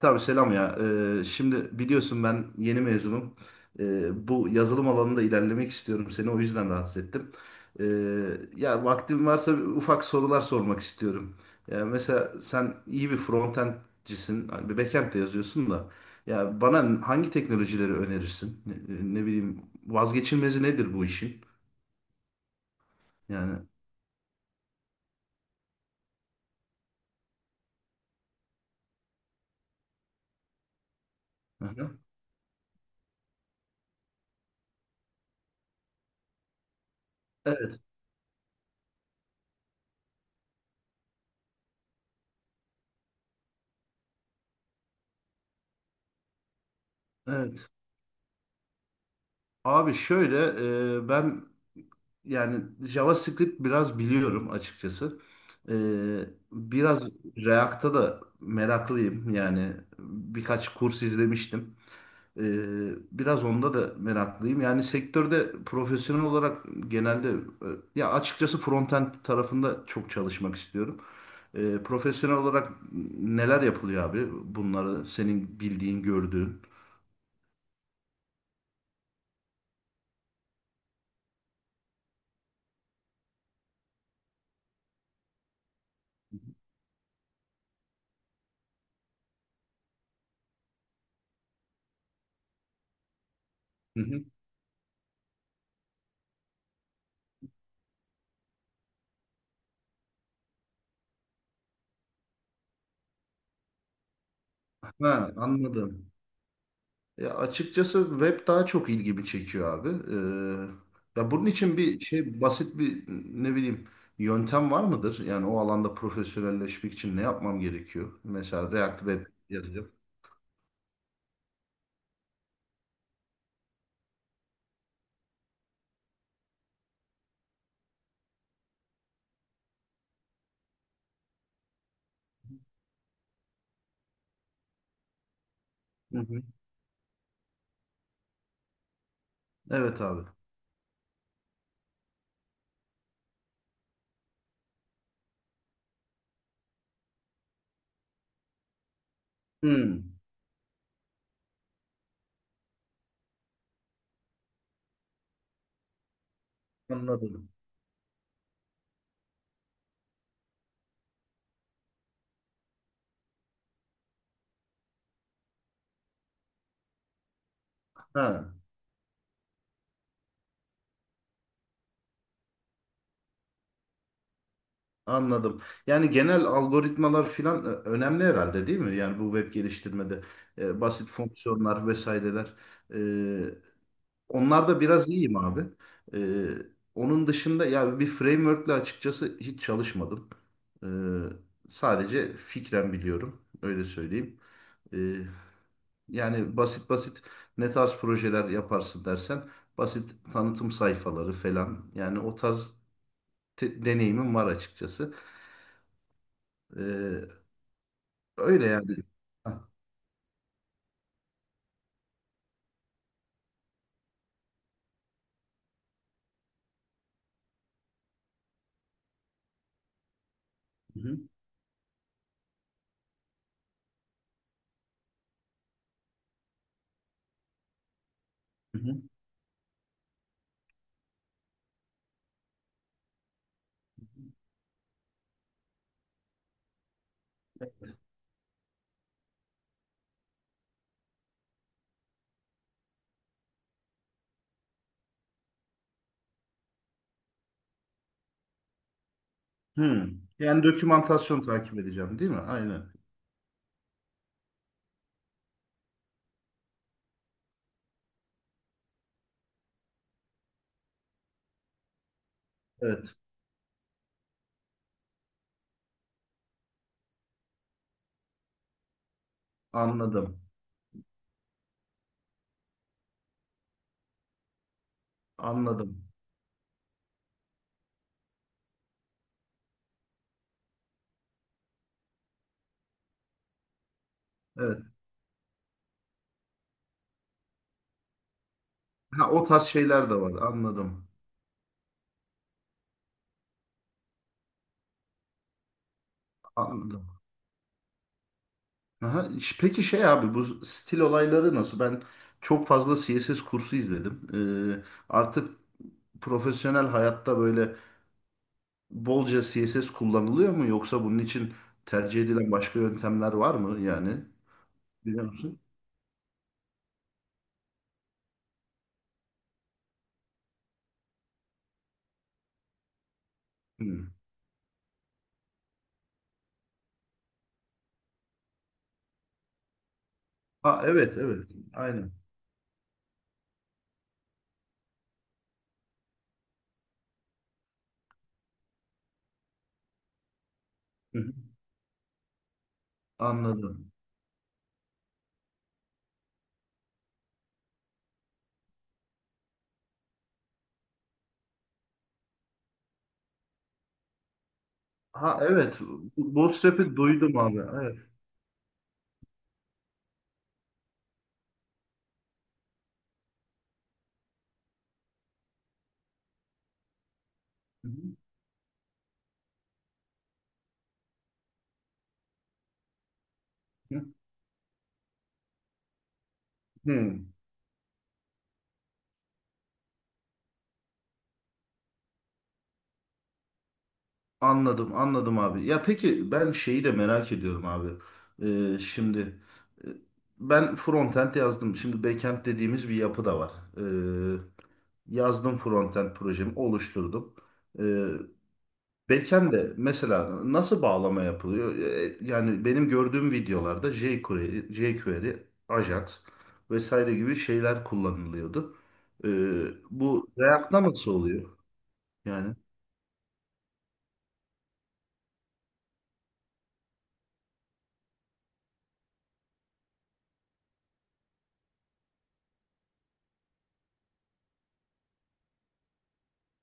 Tabii selam ya. Şimdi biliyorsun ben yeni mezunum. Bu yazılım alanında ilerlemek istiyorum. Seni o yüzden rahatsız ettim. Ee, Ya vaktin varsa ufak sorular sormak istiyorum. Ya mesela sen iyi bir frontendcisin, hani bir backend de yazıyorsun da. Ya bana hangi teknolojileri önerirsin? Ne bileyim vazgeçilmezi nedir bu işin? Yani. Hı hı. Evet, evet. Abi şöyle ben yani JavaScript biraz biliyorum açıkçası. Ee, Biraz React'a da meraklıyım. Yani birkaç kurs izlemiştim. Ee, Biraz onda da meraklıyım. Yani sektörde profesyonel olarak genelde ya açıkçası frontend tarafında çok çalışmak istiyorum. Profesyonel olarak neler yapılıyor abi? Bunları senin bildiğin, gördüğün. Hı hı. Ha, anladım. Ya açıkçası web daha çok ilgimi çekiyor abi. Ya bunun için bir şey basit bir ne bileyim yöntem var mıdır? Yani o alanda profesyonelleşmek için ne yapmam gerekiyor? Mesela React Web yazacağım. Hı hı. Evet abi. Hmm, anladım. Ha, anladım. Yani genel algoritmalar filan önemli herhalde değil mi? Yani bu web geliştirmede basit fonksiyonlar vesaireler e, onlar da biraz iyiyim abi. Ee, Onun dışında ya bir framework'le açıkçası hiç çalışmadım. Sadece fikren biliyorum. Öyle söyleyeyim. Ee, Yani basit basit ne tarz projeler yaparsın dersen basit tanıtım sayfaları falan. Yani o tarz deneyimim var açıkçası. Ee, Öyle yani. Hah, hı hı. Hı hı. Hmm. Yani dokümantasyon takip edeceğim değil mi? Aynen. Evet. Anladım. Anladım. Evet. Ha, o tarz şeyler de var. Anladım. Anladım. Aha. Peki şey abi bu stil olayları nasıl? Ben çok fazla CSS kursu izledim. Artık profesyonel hayatta böyle bolca CSS kullanılıyor mu? Yoksa bunun için tercih edilen başka yöntemler var mı? Yani biliyor musun? Hmm. Ha, evet, evet. Aynen. Hı hı. Anladım. Ha evet. Bootstrap'i duydum abi. Evet. Hı hı. Hı. Anladım, anladım abi. Ya peki ben şeyi de merak ediyorum abi. Şimdi e, ben frontend yazdım. Şimdi backend dediğimiz bir yapı da var. Ee, Yazdım frontend projemi oluşturdum. Ee, Beken de mesela nasıl bağlama yapılıyor? Yani benim gördüğüm videolarda jQuery, Ajax vesaire gibi şeyler kullanılıyordu. E, Bu React'ta nasıl oluyor? Yani.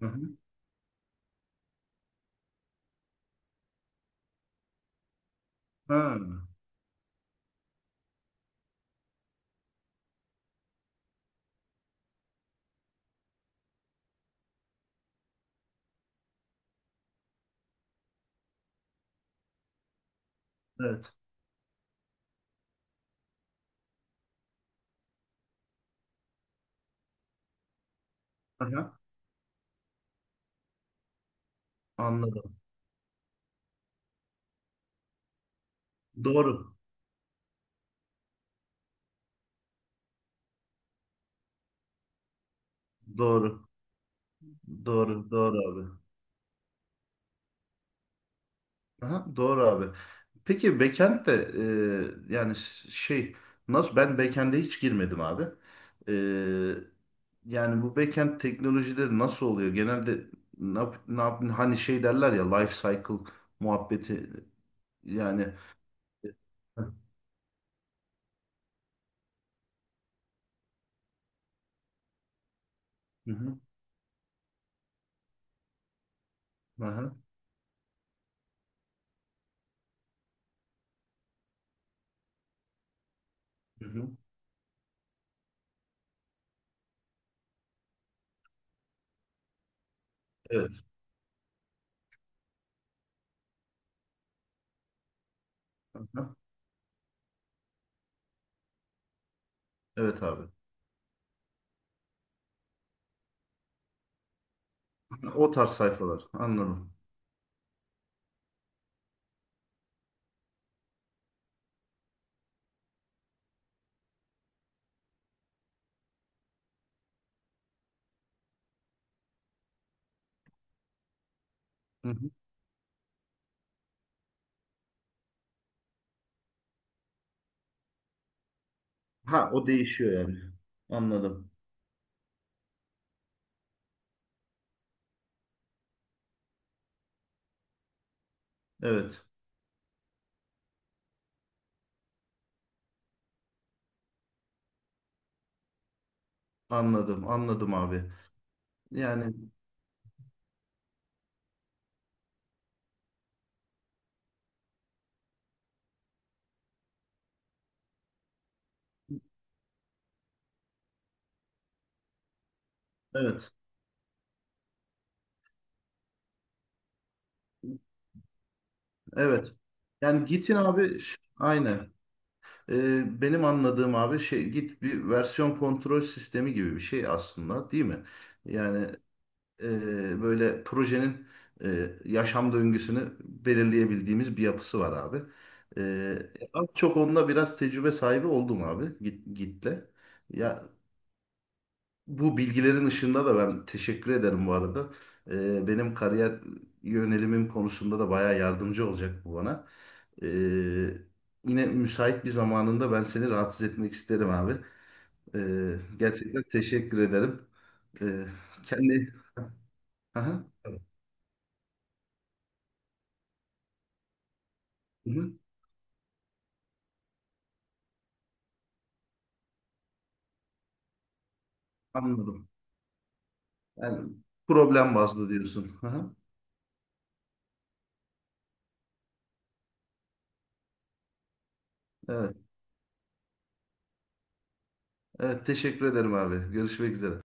Hı hı. Ha, evet. Aha, anladım. Doğru. Doğru. Doğru. Doğru abi. Aha, doğru abi. Peki backend de yani şey nasıl ben backend'e hiç girmedim abi. E, Yani bu backend teknolojileri nasıl oluyor? Genelde hani şey derler ya life cycle muhabbeti yani. Hı hı, aha, hı hı. Evet. Aha, evet abi. O tarz sayfalar. Anladım. Hı hı. Ha o değişiyor yani. Anladım. Evet. Anladım. Anladım abi. Yani evet. Evet. Yani Git'in abi aynı. Benim anladığım abi şey Git bir versiyon kontrol sistemi gibi bir şey aslında değil mi? Yani böyle projenin yaşam döngüsünü belirleyebildiğimiz bir yapısı var abi. Ee, Az çok onda biraz tecrübe sahibi oldum abi Git'le. Ya bu bilgilerin ışığında da ben teşekkür ederim bu arada. Benim kariyer yönelimim konusunda da bayağı yardımcı olacak bu bana. Ee, Yine müsait bir zamanında ben seni rahatsız etmek isterim abi. Gerçekten teşekkür ederim. Ee, Kendi... Aha. Hı-hı. Anladım. Yani problem bazlı diyorsun. Aha. Evet. Evet, teşekkür ederim abi. Görüşmek üzere.